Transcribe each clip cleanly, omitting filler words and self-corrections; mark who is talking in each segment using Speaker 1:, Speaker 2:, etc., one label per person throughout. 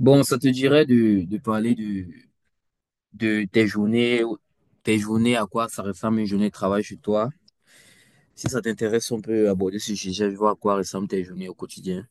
Speaker 1: Bon, ça te dirait de parler de tes journées, à quoi ça ressemble une journée de travail chez toi? Si ça t'intéresse, on peut aborder ce sujet, voir à quoi ressemblent tes journées au quotidien.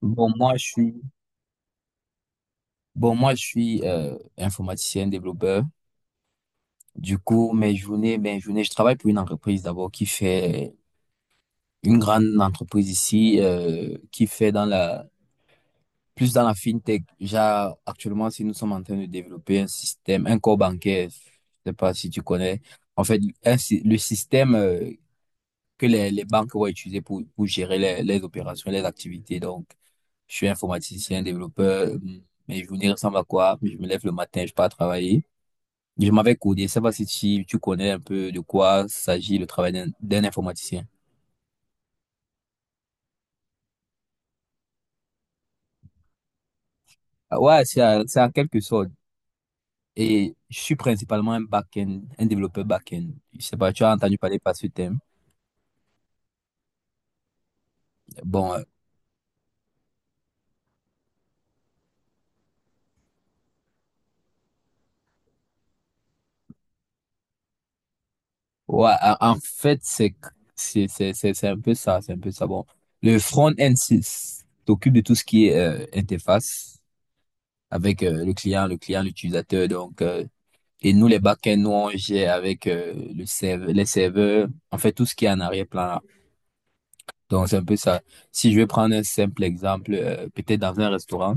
Speaker 1: Bon, moi, je suis informaticien, développeur. Du coup, mes journées, je travaille pour une entreprise d'abord qui fait une grande entreprise ici, qui fait dans la plus dans la fintech. Genre, actuellement, si nous sommes en train de développer un système, un corps bancaire, je sais pas si tu connais, en fait, le système que les banques vont utiliser pour gérer les opérations, les activités. Donc, je suis informaticien, développeur, mes journées ressemblent à quoi? Je me lève le matin, je pars travailler. Je m'avais codé, je sais pas si tu connais un peu de quoi s'agit le travail d'un informaticien. Ah, ouais, c'est en quelque sorte. Et je suis principalement un back-end, un développeur back-end. Je sais pas, tu as entendu parler par ce thème. Bon, ouais, en fait, c'est un peu ça, c'est un peu ça. Bon, le front-end s'occupe de tout ce qui est interface avec le client, l'utilisateur. Donc, et nous les back-end, nous on gère avec le serveur, les serveurs, en fait tout ce qui est en arrière-plan là. Donc c'est un peu ça. Si je vais prendre un simple exemple, peut-être dans un restaurant.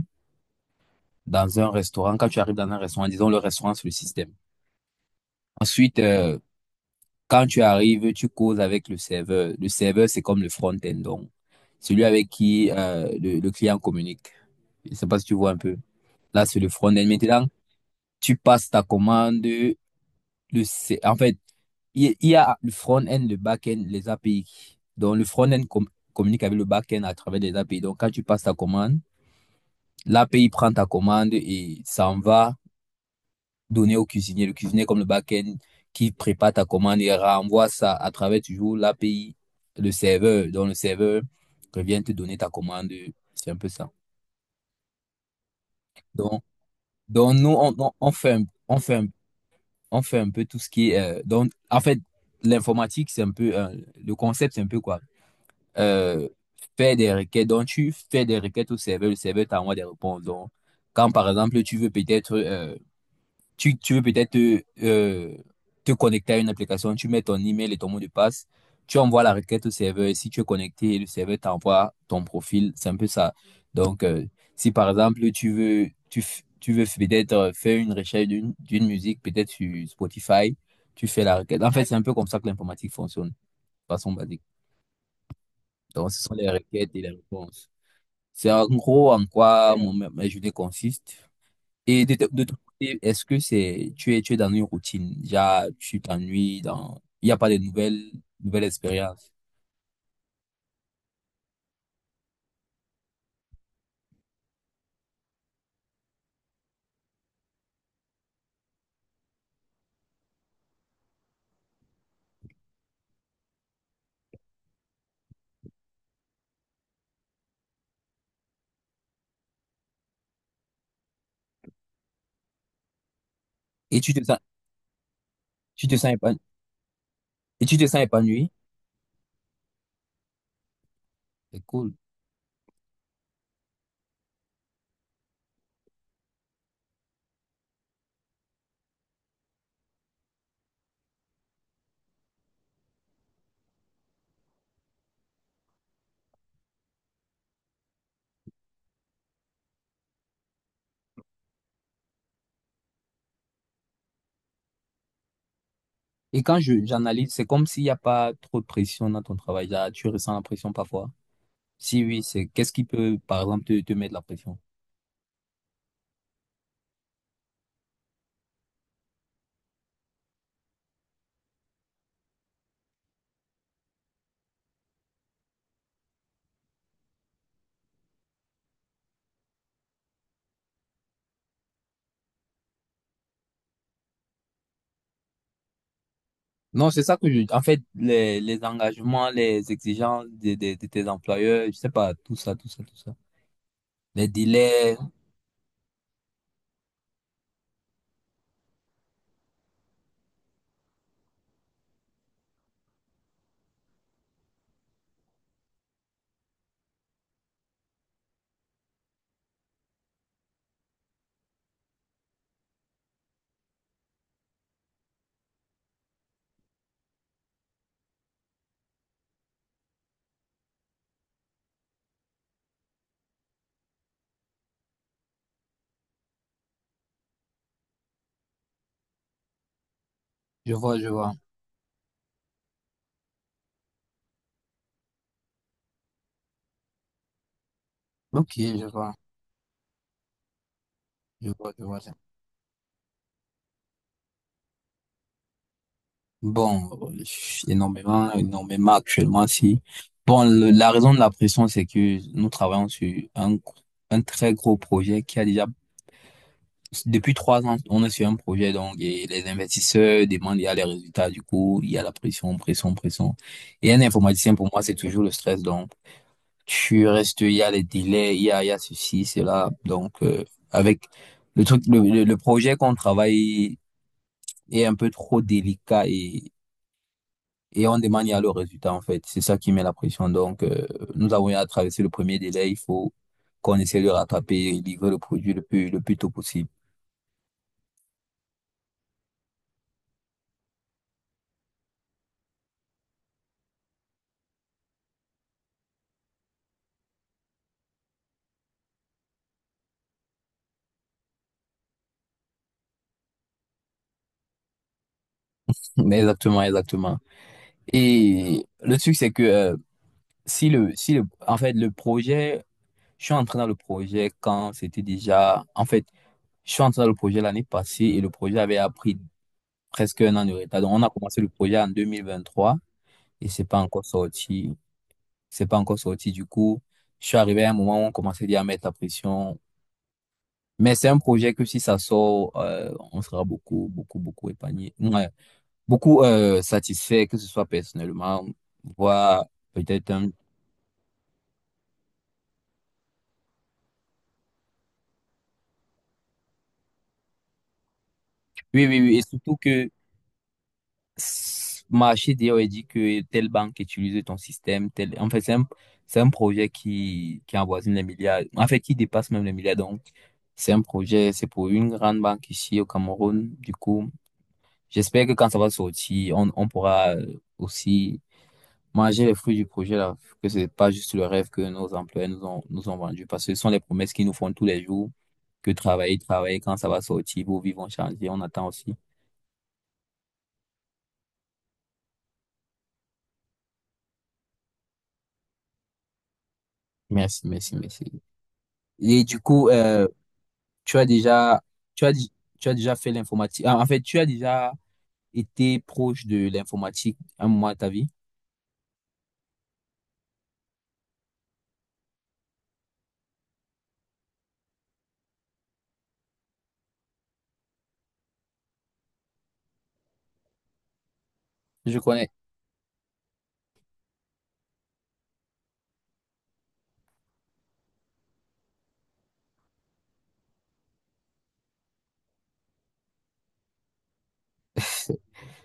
Speaker 1: Dans un restaurant, quand tu arrives dans un restaurant, disons le restaurant, c'est le système. Ensuite, quand tu arrives, tu causes avec le serveur. Le serveur, c'est comme le front-end, donc celui avec qui le client communique. Je sais pas si tu vois un peu. Là, c'est le front-end. Maintenant, tu passes ta commande. En fait, il y a le front-end, le back-end, les API. Donc, le front-end communique avec le back-end à travers les API. Donc, quand tu passes ta commande, l'API prend ta commande et s'en va donner au cuisinier. Le cuisinier, comme le back-end, qui prépare ta commande et renvoie ça à travers toujours l'API, le serveur. Donc, le serveur revient te donner ta commande. C'est un peu ça. Donc, donc, nous, on fait un peu tout ce qui est, donc, en fait, l'informatique, c'est un peu, le concept, c'est un peu quoi? Euh, faire des requêtes. Donc, tu fais des requêtes au serveur. Le serveur t'envoie des réponses. Donc, quand par exemple, tu veux peut-être, te te connecter à une application, tu mets ton email et ton mot de passe, tu envoies la requête au serveur et si tu es connecté, le serveur t'envoie ton profil, c'est un peu ça. Donc, si par exemple tu veux peut-être faire une recherche d'une musique, peut-être sur Spotify, tu fais la requête. En fait, c'est un peu comme ça que l'informatique fonctionne, de façon basique. Donc, ce sont les requêtes et les réponses. C'est en gros en quoi mon, ma journée consiste. Et de ton côté, est-ce tu es dans une routine? Déjà, tu t'ennuies dans, il n'y a pas de nouvelles, nouvelles expériences. Et tu te sens épanoui. Et tu te sens épanoui. C'est cool. Et quand j'analyse, c'est comme s'il n'y a pas trop de pression dans ton travail. Déjà, tu ressens la pression parfois. Si oui, qu'est-ce qui peut, par exemple, te mettre la pression? Non, c'est ça que je, en fait, les engagements, les exigences de tes employeurs, je sais pas, tout ça, tout ça, tout ça. Les délais. Je vois, je vois. Ok, je vois. Je vois, je vois. Bon, énormément, énormément actuellement, si. Bon, la raison de la pression, c'est que nous travaillons sur un très gros projet qui a déjà, depuis 3 ans, on est sur un projet, donc, et les investisseurs demandent, il y a les résultats, du coup, il y a la pression, pression, pression. Et un informaticien, pour moi, c'est toujours le stress, donc, tu restes, il y a les délais, il y a ceci, cela, donc, avec le truc, le projet qu'on travaille est un peu trop délicat et on demande il y a le résultat, en fait. C'est ça qui met la pression. Donc, nous avons eu à traverser le premier délai. Il faut qu'on essaie de rattraper et livrer le produit le plus tôt possible. Mais exactement, exactement. Et le truc, c'est que si le, si le, en fait, le projet, je suis entré dans le projet quand c'était déjà, en fait, je suis entré dans le projet l'année passée et le projet avait appris presque un an de retard. Donc, on a commencé le projet en 2023 et c'est pas encore sorti. C'est pas encore sorti. Du coup, je suis arrivé à un moment où on commençait déjà à mettre la pression. Mais c'est un projet que si ça sort, on sera beaucoup, beaucoup, beaucoup épargné. Ouais. Beaucoup satisfait, que ce soit personnellement, voire peut-être un. Oui, oui, oui. Et surtout que marché d'ailleurs a dit que telle banque utilise ton système, tel. En fait, c'est un, projet qui avoisine les milliards. En fait, qui dépasse même les milliards. Donc, c'est un projet, c'est pour une grande banque ici au Cameroun. Du coup, j'espère que quand ça va sortir, on pourra aussi manger les fruits du projet là, que c'est pas juste le rêve que nos employés nous ont vendu, parce que ce sont les promesses qu'ils nous font tous les jours, que travailler, travailler, quand ça va sortir, vos vies vont changer, on attend aussi. Merci, merci, merci. Et du coup, tu as déjà, tu as, di- tu as déjà fait l'informatique. Ah, en fait, tu as déjà été proche de l'informatique à un moment de ta vie. Je connais.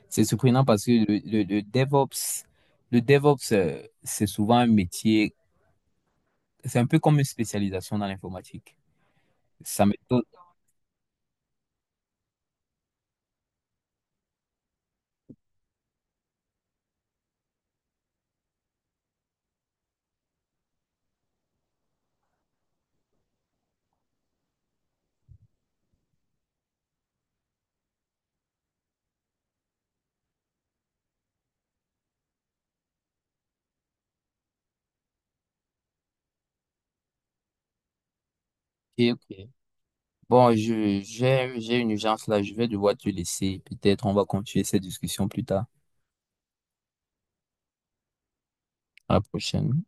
Speaker 1: C'est surprenant parce que le DevOps, c'est souvent un métier. C'est un peu comme une spécialisation dans l'informatique. Ça m'étonne. Ok, ok. Bon, j'ai une urgence là, je vais devoir te laisser. Peut-être on va continuer cette discussion plus tard. À la prochaine.